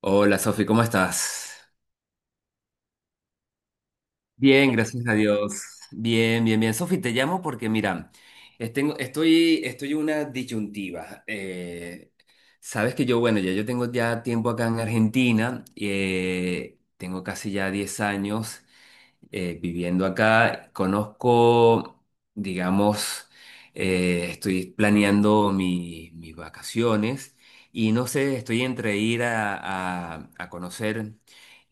Hola Sofi, ¿cómo estás? Bien, gracias a Dios. Bien, bien, bien. Sofi, te llamo porque mira, estoy en una disyuntiva. Sabes que yo, bueno, ya yo tengo ya tiempo acá en Argentina, tengo casi ya 10 años viviendo acá. Conozco, digamos, estoy planeando mis vacaciones y no sé, estoy entre ir a conocer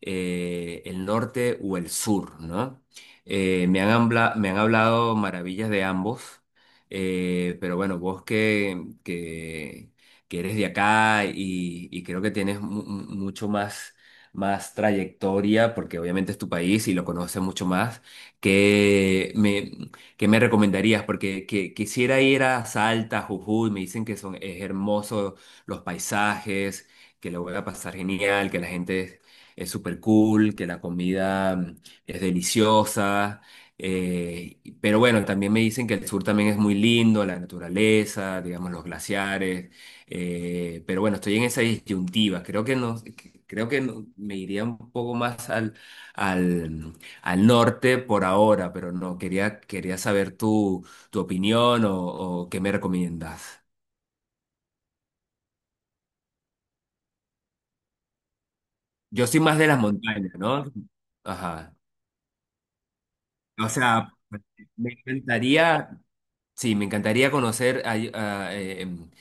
el norte o el sur, ¿no? Me han hablado maravillas de ambos, pero bueno, vos que eres de acá y creo que tienes mucho más trayectoria, porque obviamente es tu país y lo conoces mucho más, ¿qué me, ¿qué me recomendarías? Porque quisiera ir a Salta, Jujuy, me dicen que son, es hermoso los paisajes, que lo voy a pasar genial, que la gente es súper cool, que la comida es deliciosa. Pero bueno, también me dicen que el sur también es muy lindo, la naturaleza, digamos, los glaciares. Pero bueno, estoy en esa disyuntiva. Creo que no, me iría un poco más al, al norte por ahora, pero no, quería saber tu opinión o qué me recomiendas. Yo soy más de las montañas, ¿no? Ajá. O sea, me encantaría, sí, me encantaría conocer ahí, ah, eh, em,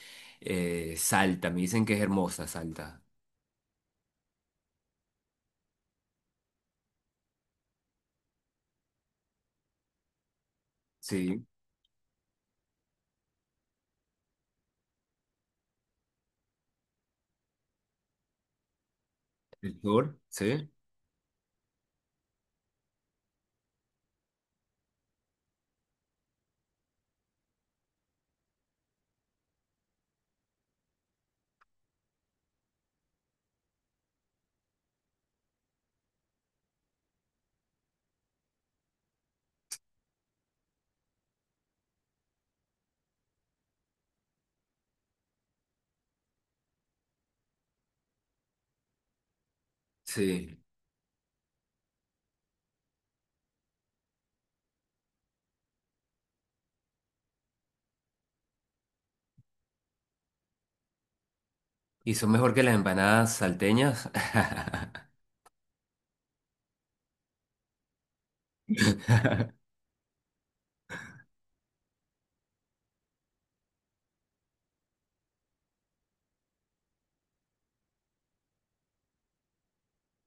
eh, Salta. Me dicen que es hermosa Salta. Sí. ¿El sur? Sí. Sí. ¿Y son mejor que las empanadas salteñas?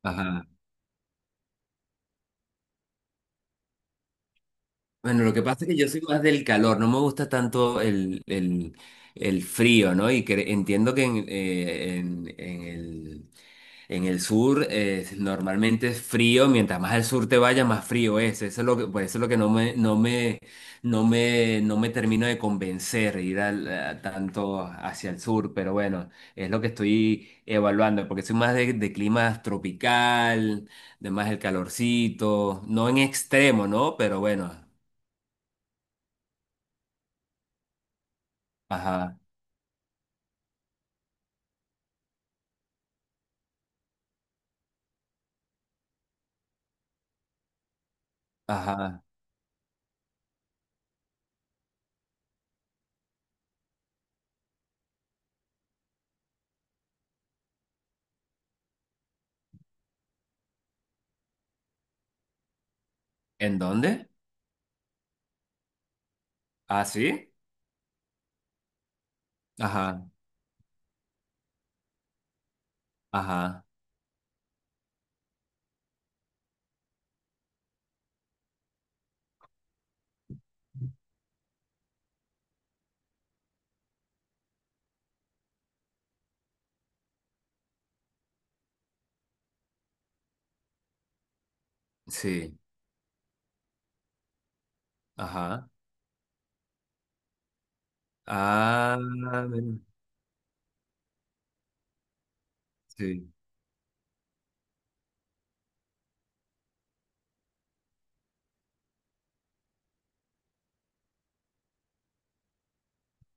Ajá. Bueno, lo que pasa es que yo soy más del calor, no me gusta tanto el frío, ¿no? Y que entiendo que en el sur normalmente es frío, mientras más al sur te vayas, más frío es. Eso es lo que, por eso es lo que no me termino de convencer ir a tanto hacia el sur, pero bueno, es lo que estoy evaluando, porque soy más de clima tropical, de más el calorcito, no en extremo, ¿no? Pero bueno. Ajá, ajá. ¿En dónde? Ah, sí. Ajá, ajá. Sí, ajá. Ah, mira, sí,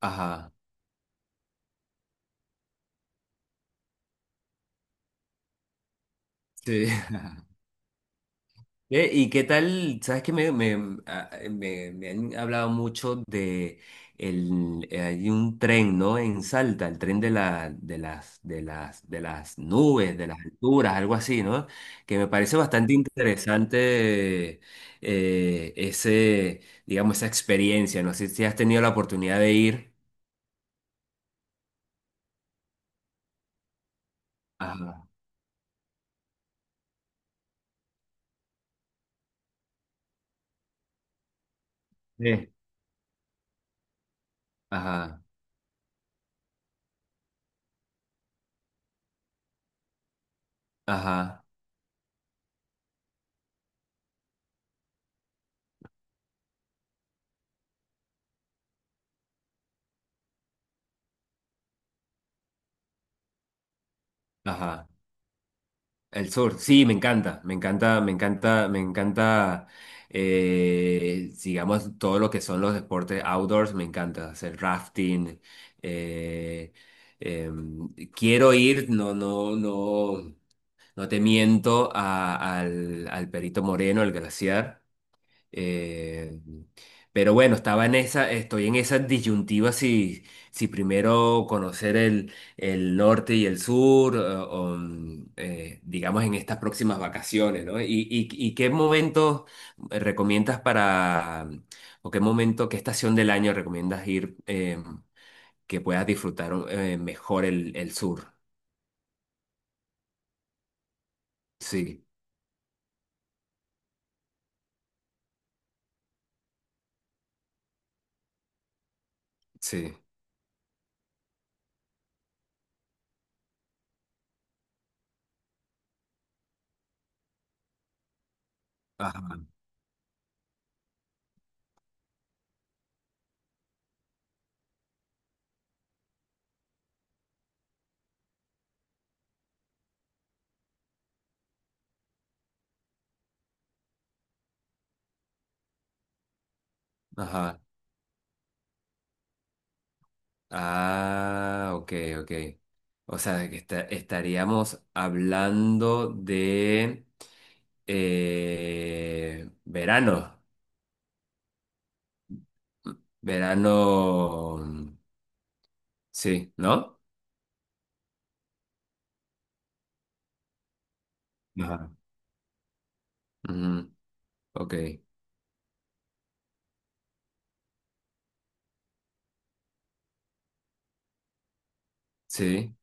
ajá. Sí. ¿Y qué tal? Sabes que me han hablado mucho de hay un tren, ¿no? En Salta, el tren de la, de las, de las, de las nubes, de las alturas, algo así, ¿no? Que me parece bastante interesante ese, digamos, esa experiencia. No sé si has tenido la oportunidad de ir. Ajá. Sí. Ajá, ajá, ajá. El sur, sí, me encanta, me encanta, me encanta, me encanta, digamos, todo lo que son los deportes outdoors, me encanta hacer rafting. eh, em, Quiero ir, no te miento, al Perito Moreno, al glaciar. Eh, pero bueno, estoy en esa disyuntiva si, si primero conocer el norte y el sur, digamos en estas próximas vacaciones, ¿no? ¿Y qué momento recomiendas para, o qué momento, qué estación del año recomiendas ir que puedas disfrutar mejor el sur? Sí, sí. Ajá. Ajá. Ah, ok, ok. O sea, que estaríamos hablando de verano. Verano, sí, ¿no? Ajá. Ujú, ok, sí.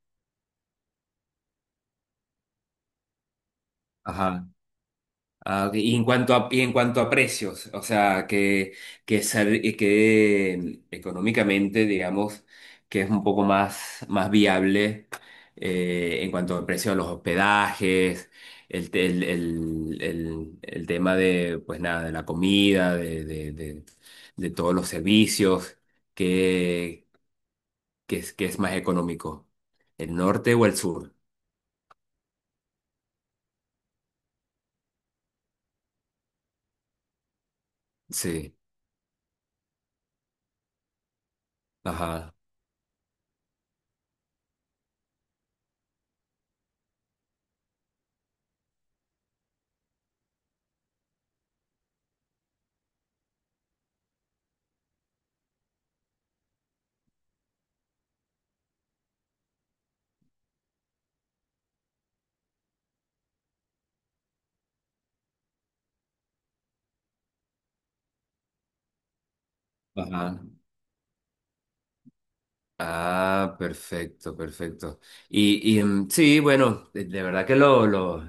Ah, ok. Y en cuanto a, y en cuanto a precios, o sea, que económicamente, digamos, que es un poco más, más viable en cuanto al precio de los hospedajes, el, te- el tema de, pues nada, de la comida, de todos los servicios, que, que es más económico, el norte o el sur. Sí, ajá, ajá. Ah, perfecto, perfecto. Sí, bueno, de verdad que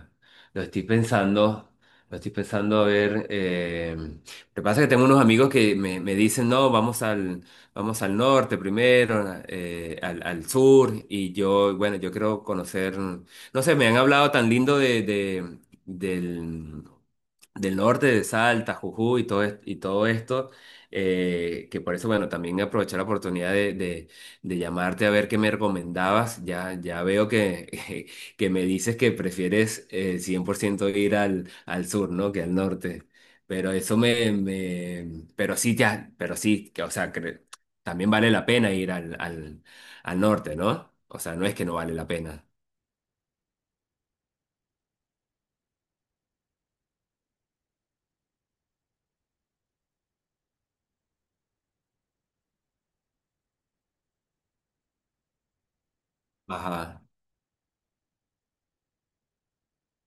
lo estoy pensando, lo estoy pensando a ver. Lo que pasa es que tengo unos amigos que me dicen, no, vamos al norte primero, al sur, y yo, bueno, yo quiero conocer, no sé, me han hablado tan lindo de, del, del norte, de Salta, Jujuy y todo, y todo esto, que por eso, bueno, también aprovechar la oportunidad de, de llamarte a ver qué me recomendabas. Ya, ya veo que, que me dices que prefieres 100% ir al, al sur, ¿no? Que al norte. Pero pero sí, ya, pero sí, que, o sea, también vale la pena ir al norte, ¿no? O sea, no es que no vale la pena. Ajá,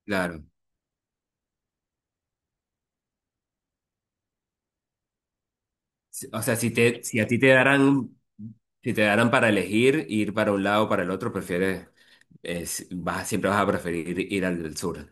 claro. O sea, si te, si a ti te darán, si te darán para elegir ir para un lado o para el otro, prefieres, vas, siempre vas a preferir ir al sur.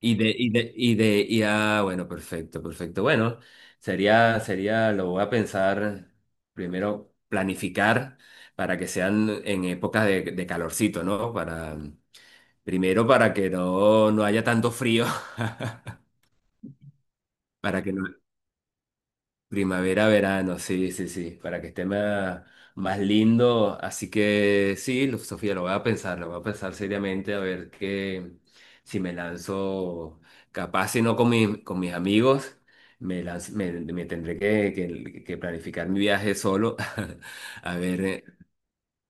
Bueno, perfecto, perfecto. Bueno, sería, sería, lo voy a pensar primero, planificar para que sean en épocas de calorcito, ¿no? Para, primero para que no, no haya tanto frío. para que no Primavera, verano, sí, sí, sí, para que esté más, más lindo. Así que sí, Sofía, lo voy a pensar, lo voy a pensar seriamente a ver que si me lanzo, capaz si no con, con mis amigos, me tendré que, que planificar mi viaje solo, a ver,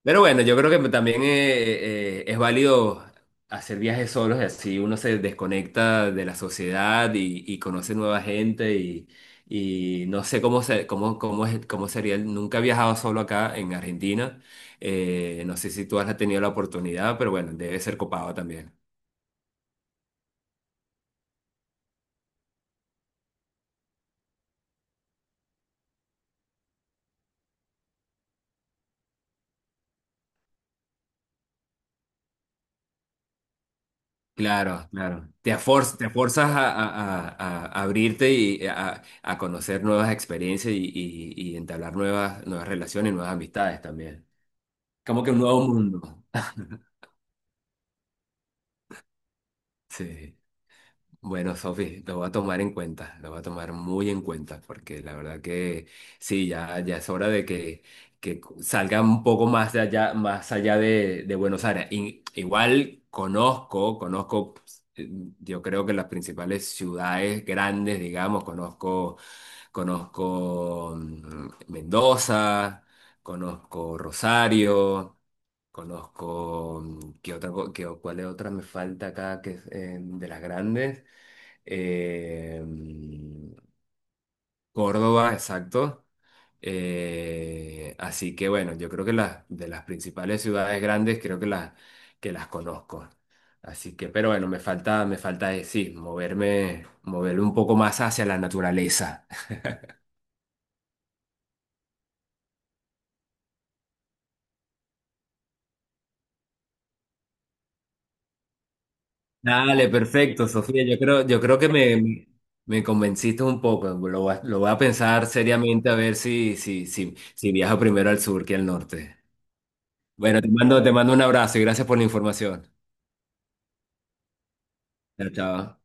pero bueno, yo creo que también es válido hacer viajes solos, y así uno se desconecta de la sociedad y conoce nueva gente y no sé cómo, se, cómo, cómo, es- cómo sería. Nunca he viajado solo acá en Argentina. No sé si tú has tenido la oportunidad, pero bueno, debe ser copado también. Claro, claro. Te forzas a, a abrirte y a conocer nuevas experiencias y, y entablar nuevas, nuevas relaciones, nuevas amistades también. Como que un nuevo mundo. Sí. Bueno, Sofi, lo voy a tomar en cuenta, lo voy a tomar muy en cuenta, porque la verdad que sí, ya, ya es hora de que salga un poco más de allá, más allá de Buenos Aires. Igual conozco, conozco, pues, yo creo que las principales ciudades grandes, digamos, conozco, conozco Mendoza, conozco Rosario. Conozco, ¿qué otra, cuál es otra me falta acá que es de las grandes? Eh, mm, Córdoba, exacto. Así que bueno, yo creo que las de las principales ciudades grandes creo que las conozco. Así que, pero bueno, me falta sí, moverme, moverme un poco más hacia la naturaleza. Dale, perfecto, Sofía. Yo creo que me convenciste un poco. Lo voy a pensar seriamente a ver si, si, si, si viajo primero al sur que al norte. Bueno, te mando un abrazo y gracias por la información. Chao, chao.